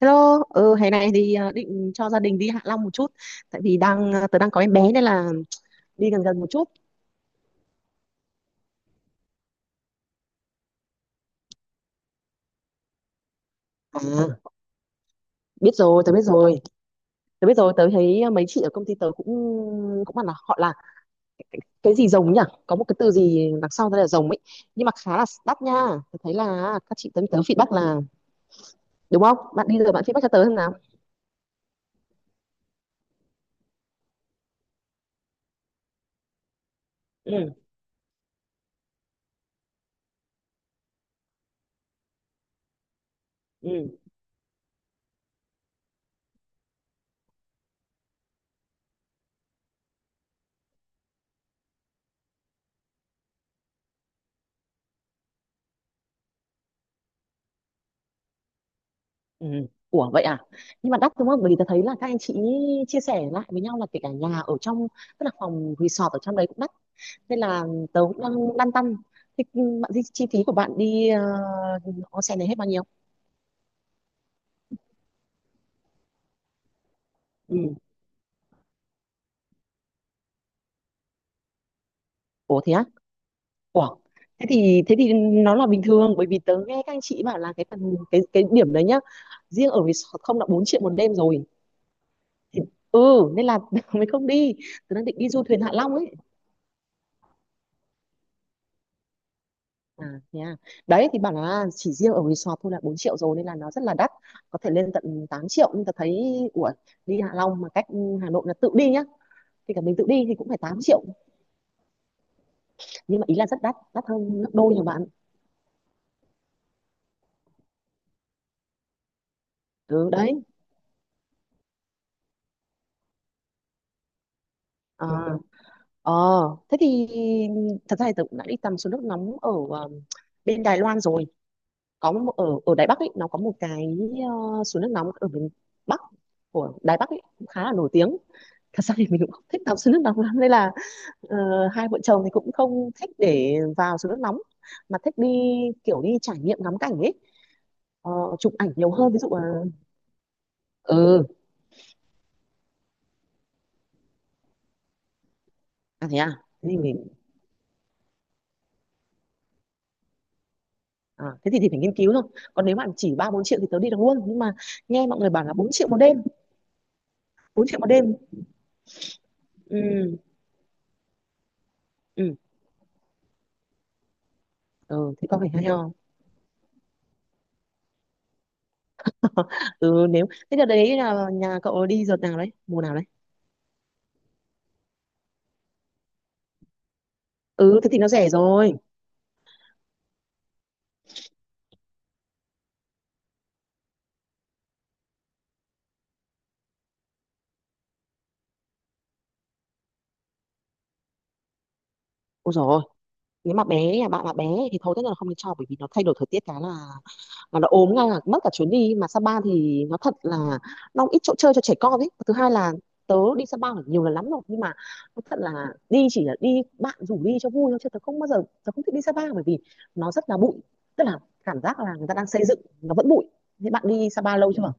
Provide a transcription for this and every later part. Hello, ừ, hè này thì định cho gia đình đi Hạ Long một chút. Tại vì tớ đang có em bé nên là đi gần gần một chút. À, biết rồi, tớ biết rồi. Tớ biết rồi, tớ thấy mấy chị ở công ty tớ cũng cũng bảo là họ là cái gì rồng nhỉ. Có một cái từ gì đằng sau tên là rồng ấy. Nhưng mà khá là đắt nha. Tớ thấy là các chị tớ, tớ feedback là. Đúng không? Bạn đi rồi bạn feedback cho tớ xem nào. Ừ, ừ. Ừ. Ủa vậy à? Nhưng mà đắt đúng không? Bởi vì tôi thấy là các anh chị chia sẻ lại với nhau là kể cả nhà ở trong, tức là phòng resort ở trong đấy cũng đắt. Nên là tớ cũng đang lăn tăn. Thì bạn chi phí của bạn đi onsen này hết bao nhiêu? Ừ. Ủa thế á? Ủa. Thế thì nó là bình thường, bởi vì tớ nghe các anh chị bảo là cái phần cái điểm đấy nhá. Riêng ở resort không là 4 triệu một đêm rồi. Thì, ừ, nên là mới không đi. Tớ đang định đi du thuyền Hạ Long ấy. À, thế à. Đấy thì bảo là chỉ riêng ở resort thôi là 4 triệu rồi nên là nó rất là đắt, có thể lên tận 8 triệu, nhưng ta thấy ủa, đi Hạ Long mà cách Hà Nội là tự đi nhá, thì cả mình tự đi thì cũng phải 8 triệu, nhưng mà ý là rất đắt, đắt hơn gấp đôi nhà bạn. Ừ đấy. À, ờ thế thì, thật ra thì tớ cũng đã đi tắm suối nước nóng ở bên Đài Loan rồi. Có một, ở ở Đài Bắc ấy, nó có một cái suối nước nóng ở miền Bắc của Đài Bắc ấy, cũng khá là nổi tiếng. Thật ra thì mình cũng không thích tắm suối nước nóng lắm nên là, Ờ, hai vợ chồng thì cũng không thích để vào suối nước nóng, mà thích đi kiểu đi trải nghiệm ngắm cảnh ấy. ờ, Chụp ảnh nhiều hơn ví dụ là, ừ. À thế à. Thế thì mình, à, thì phải nghiên cứu thôi. Còn nếu mà chỉ ba bốn triệu thì tớ đi được luôn, nhưng mà nghe mọi người bảo là bốn triệu một đêm, bốn triệu một đêm. Ừ, ừ, ừ, thế có phải hay không. Ừ, nếu thế đợt đấy là nhà cậu đi đợt nào đấy, mùa nào đấy. Ừ, thế thì nó rẻ rồi. Ôi rồi, nếu mà bé nhà bạn là bé thì thôi, tất nhiên là không được cho, bởi vì nó thay đổi thời tiết cái là mà nó ốm ngay là mất cả chuyến đi, mà Sapa thì nó thật là, nó cũng ít chỗ chơi cho trẻ con ấy. Thứ hai là tớ đi Sapa phải nhiều lần lắm rồi, nhưng mà nó thật là, đi chỉ là đi bạn rủ đi cho vui thôi, chứ tớ không bao giờ, tớ không thích đi Sapa bởi vì nó rất là bụi, tức là cảm giác là người ta đang xây dựng nó vẫn bụi. Thế bạn đi Sapa lâu chưa?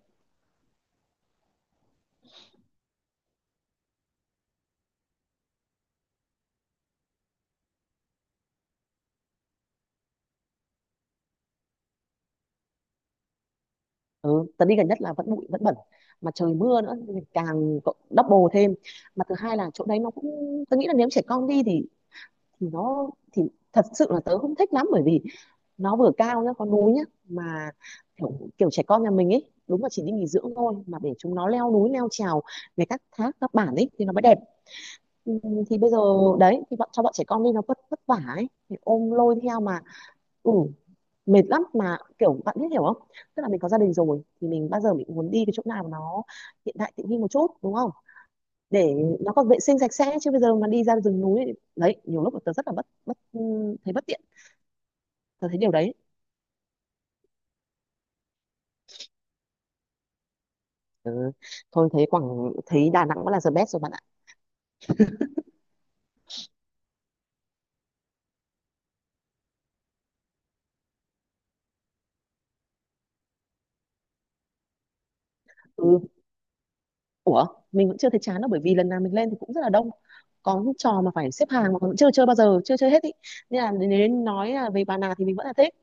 Ừ, tớ đi gần nhất là vẫn bụi vẫn bẩn, mà trời mưa nữa thì càng double thêm. Mà thứ hai là chỗ đấy nó cũng, tớ nghĩ là nếu trẻ con đi thì nó thì thật sự là tớ không thích lắm, bởi vì nó vừa cao nhá, có núi nhá, mà kiểu, kiểu trẻ con nhà mình ấy đúng là chỉ đi nghỉ dưỡng thôi, mà để chúng nó leo núi leo trèo này, các thác các bản ấy thì nó mới đẹp. Ừ, thì bây giờ đấy, thì cho bọn trẻ con đi nó vất vất vả ấy, thì ôm lôi theo mà, ừ, mệt lắm. Mà kiểu bạn biết hiểu không, tức là mình có gia đình rồi thì mình bao giờ mình cũng muốn đi cái chỗ nào mà nó hiện đại tiện nghi một chút, đúng không, để nó còn vệ sinh sạch sẽ. Chứ bây giờ mà đi ra rừng núi đấy, nhiều lúc tớ rất là bất bất thấy bất tiện, tớ thấy điều đấy. Ừ. Thôi thấy Quảng thấy Đà Nẵng vẫn là the best rồi bạn ạ. Ừ. Ủa, mình vẫn chưa thấy chán đâu, bởi vì lần nào mình lên thì cũng rất là đông. Có những trò mà phải xếp hàng mà vẫn chưa chơi bao giờ, chưa chơi hết ý. Nên là nếu nói là về Bà Nà thì mình vẫn là thích.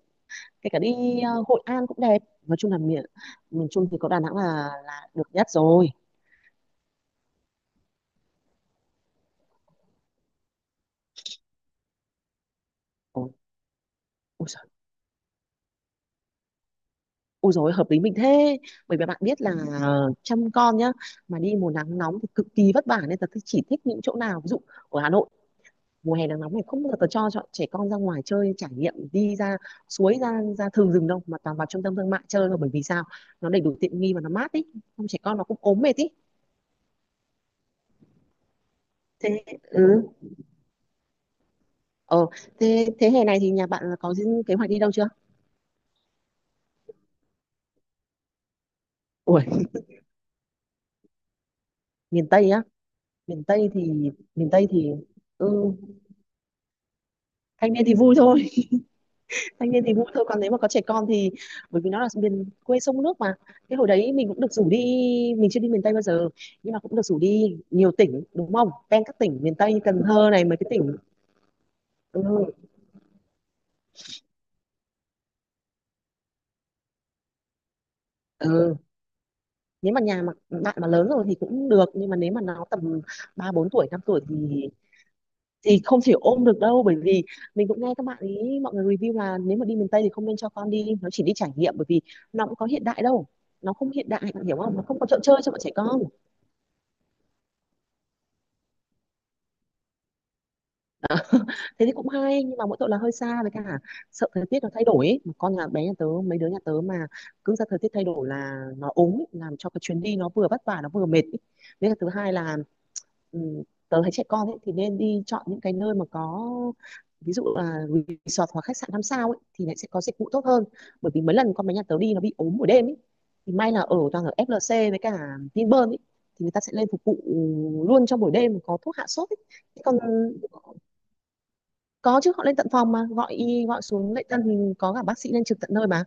Kể cả đi Hội An cũng đẹp. Nói chung là miền miền Trung thì có Đà Nẵng là được nhất rồi. Ủa, ôi giời, ôi giời, hợp lý mình thế. Bởi vì bạn biết là, chăm con nhá, mà đi mùa nắng nóng thì cực kỳ vất vả, nên là tôi chỉ thích những chỗ nào ví dụ ở Hà Nội, mùa hè nắng nóng này không bao giờ tớ cho trẻ con ra ngoài chơi trải nghiệm, đi ra suối ra ra thường rừng đâu, mà toàn vào trung tâm thương mại chơi thôi, bởi vì sao, nó đầy đủ tiện nghi và nó mát ý, không trẻ con nó cũng ốm mệt ý. Thế. Ừ. ờ thế thế hè này thì nhà bạn có những kế hoạch đi đâu chưa? Ủa, miền Tây á? Miền Tây thì miền Tây thì ừ, thanh niên thì vui thôi. Thanh niên thì vui thôi, còn nếu mà có trẻ con thì, bởi vì nó là miền quê sông nước mà. Thế hồi đấy mình cũng được rủ đi, mình chưa đi miền Tây bao giờ, nhưng mà cũng được rủ đi nhiều tỉnh, đúng không, ven các tỉnh miền Tây như Cần Thơ này, mấy cái tỉnh, ừ, ừ. Nếu mà nhà mà bạn mà lớn rồi thì cũng được, nhưng mà nếu mà nó tầm ba bốn tuổi năm tuổi thì không thể ôm được đâu, bởi vì mình cũng nghe các bạn ý, mọi người review là nếu mà đi miền Tây thì không nên cho con đi, nó chỉ đi trải nghiệm, bởi vì nó cũng có hiện đại đâu, nó không hiện đại, bạn hiểu không, nó không có chỗ chơi cho bọn trẻ con. Thế thì cũng hay, nhưng mà mỗi tội là hơi xa, với cả sợ thời tiết nó thay đổi ấy. Mà con nhà bé nhà tớ, mấy đứa nhà tớ mà cứ ra thời tiết thay đổi là nó ốm ấy, làm cho cái chuyến đi nó vừa vất vả nó vừa mệt ấy. Với cả thứ hai là, ừm, tớ thấy trẻ con ấy thì nên đi chọn những cái nơi mà có, ví dụ là resort hoặc khách sạn năm sao ấy, thì lại sẽ có dịch vụ tốt hơn, bởi vì mấy lần con bé nhà tớ đi nó bị ốm buổi đêm ấy, thì may là ở toàn ở FLC với cả Vinpearl ấy, thì người ta sẽ lên phục vụ luôn trong buổi đêm, có thuốc hạ sốt ấy. Thế còn có chứ, họ lên tận phòng, mà gọi y gọi xuống lễ tân thì có cả bác sĩ lên trực tận nơi mà,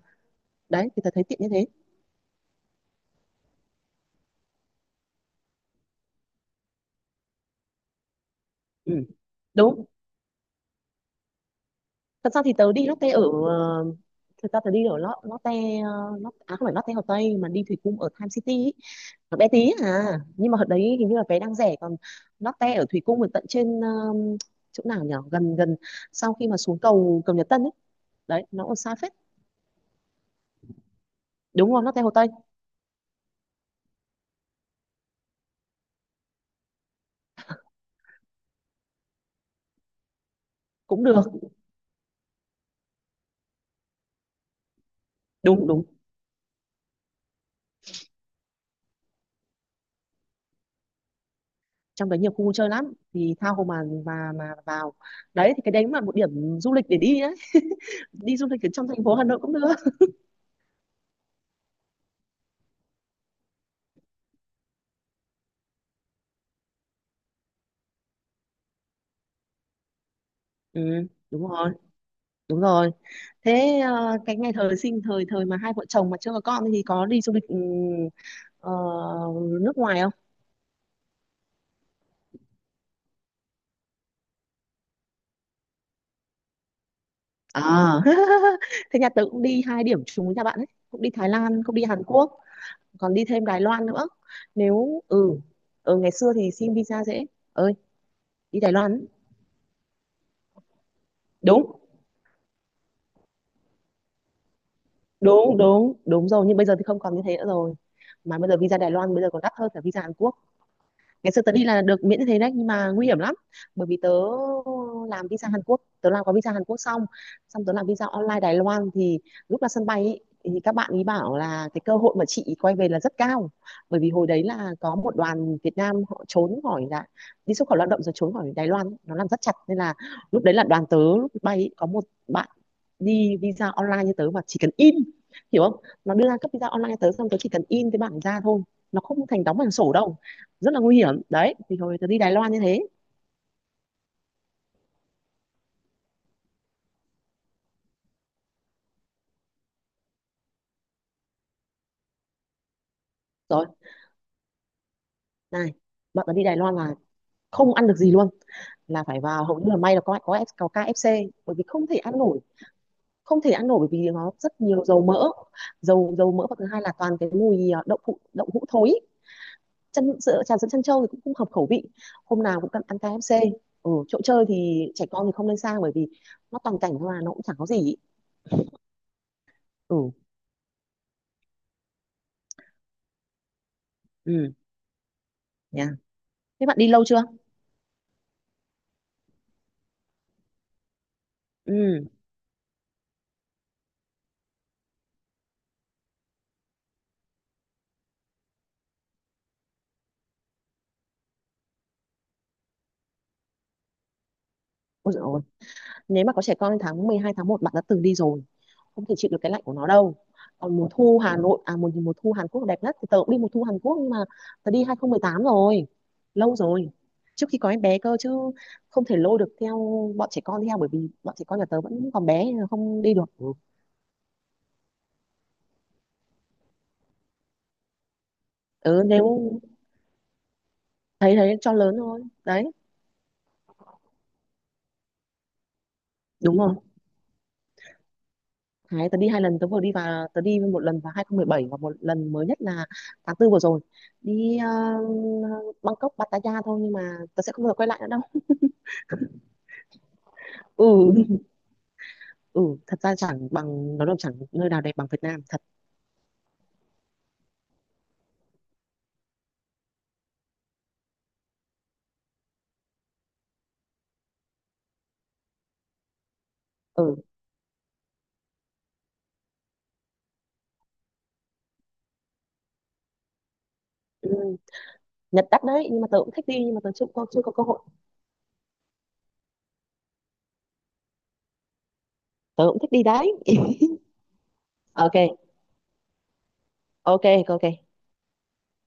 đấy thì tớ thấy tiện như thế. Ừ. Đúng, thật ra thì tớ đi Lotte ở ờ, thật ra tớ đi ở Lotte, à không phải Lotte Hồ Tây, mà đi Thủy Cung ở Time City ý. Nó bé tí à, nhưng mà ở đấy hình như là vé đang rẻ. Còn Lotte ở Thủy Cung ở tận trên chỗ nào nhỉ, gần gần sau khi mà xuống cầu cầu Nhật Tân ấy, đấy nó còn xa phết. Đúng rồi, Lotte Hồ Tây. Cũng được. Đúng đúng, trong đấy nhiều khu vui chơi lắm thì tha hồ mà vào đấy, thì cái đấy cũng là một điểm du lịch để đi đấy, đi du lịch ở trong thành phố Hà Nội cũng được. Ừ, đúng rồi đúng rồi. Thế cái ngày thời sinh thời thời mà hai vợ chồng mà chưa có con thì có đi du lịch, ừ, ờ, nước ngoài không? À, thế nhà tớ cũng đi hai điểm trùng với nhà bạn ấy, cũng đi Thái Lan, cũng đi Hàn Quốc, còn đi thêm Đài Loan nữa. Nếu ừ, ừ ngày xưa thì xin visa dễ ơi đi Đài Loan ấy. Đúng đúng đúng, đúng rồi, nhưng bây giờ thì không còn như thế nữa rồi, mà bây giờ visa Đài Loan bây giờ còn đắt hơn cả visa Hàn Quốc. Ngày xưa tớ đi là được miễn như thế đấy, nhưng mà nguy hiểm lắm, bởi vì tớ làm visa Hàn Quốc, tớ làm có visa Hàn Quốc xong, tớ làm visa online Đài Loan, thì lúc ra sân bay ý, thì các bạn ý bảo là cái cơ hội mà chị quay về là rất cao, bởi vì hồi đấy là có một đoàn Việt Nam họ trốn khỏi, là đi xuất khẩu lao động rồi trốn khỏi Đài Loan, nó làm rất chặt nên là lúc đấy là đoàn tớ lúc bay ý, có một bạn đi visa online như tớ, mà chỉ cần in, hiểu không, nó đưa ra cấp visa online tớ xong, tớ chỉ cần in cái bảng ra thôi, nó không thành đóng bằng sổ đâu, rất là nguy hiểm đấy. Thì hồi tớ đi Đài Loan như thế. Rồi này, bạn tớ đi Đài Loan là không ăn được gì luôn, là phải vào hầu như là, may là có KFC, bởi vì không thể ăn nổi, không thể ăn nổi, bởi vì nó rất nhiều dầu mỡ. Dầu dầu mỡ, và thứ hai là toàn cái mùi à, đậu phụ đậu hũ thối, chân sữa trà sữa chân trâu thì cũng không hợp khẩu vị, hôm nào cũng cần ăn KFC. Ừ, chỗ chơi thì trẻ con thì không nên sang, bởi vì nó toàn cảnh thôi, mà nó cũng chẳng có gì ý. Ừ, ừ, nha. Thế bạn đi lâu chưa? Ừ, ôi dồi ôi. Nếu mà có trẻ con thì tháng 12 tháng một, bạn đã từng đi rồi, không thể chịu được cái lạnh của nó đâu. Còn mùa thu Hà Nội, à, mùa mùa thu Hàn Quốc đẹp nhất, thì tớ cũng đi mùa thu Hàn Quốc, nhưng mà tớ đi 2018 rồi, lâu rồi, trước khi có em bé cơ, chứ không thể lôi được theo bọn trẻ con theo, bởi vì bọn trẻ con nhà tớ vẫn còn bé nên là không đi được. Ừ, nếu thấy thấy cho lớn thôi đấy. Đúng rồi. Đấy, tớ đi hai lần tớ vừa đi, và tớ đi một lần vào 2017 và một lần mới nhất là tháng tư vừa rồi, đi Bangkok Pattaya thôi, nhưng mà tớ sẽ không bao giờ quay lại nữa đâu. Ừ, ừ, thật ra chẳng bằng nó đâu, chẳng nơi nào đẹp bằng Việt Nam thật. Ừ, ừ. Nhật đắt đấy, nhưng mà tớ cũng thích đi, nhưng mà tớ chưa có cơ hội. Tớ cũng thích đi đấy. Ok, ok, ok, ok.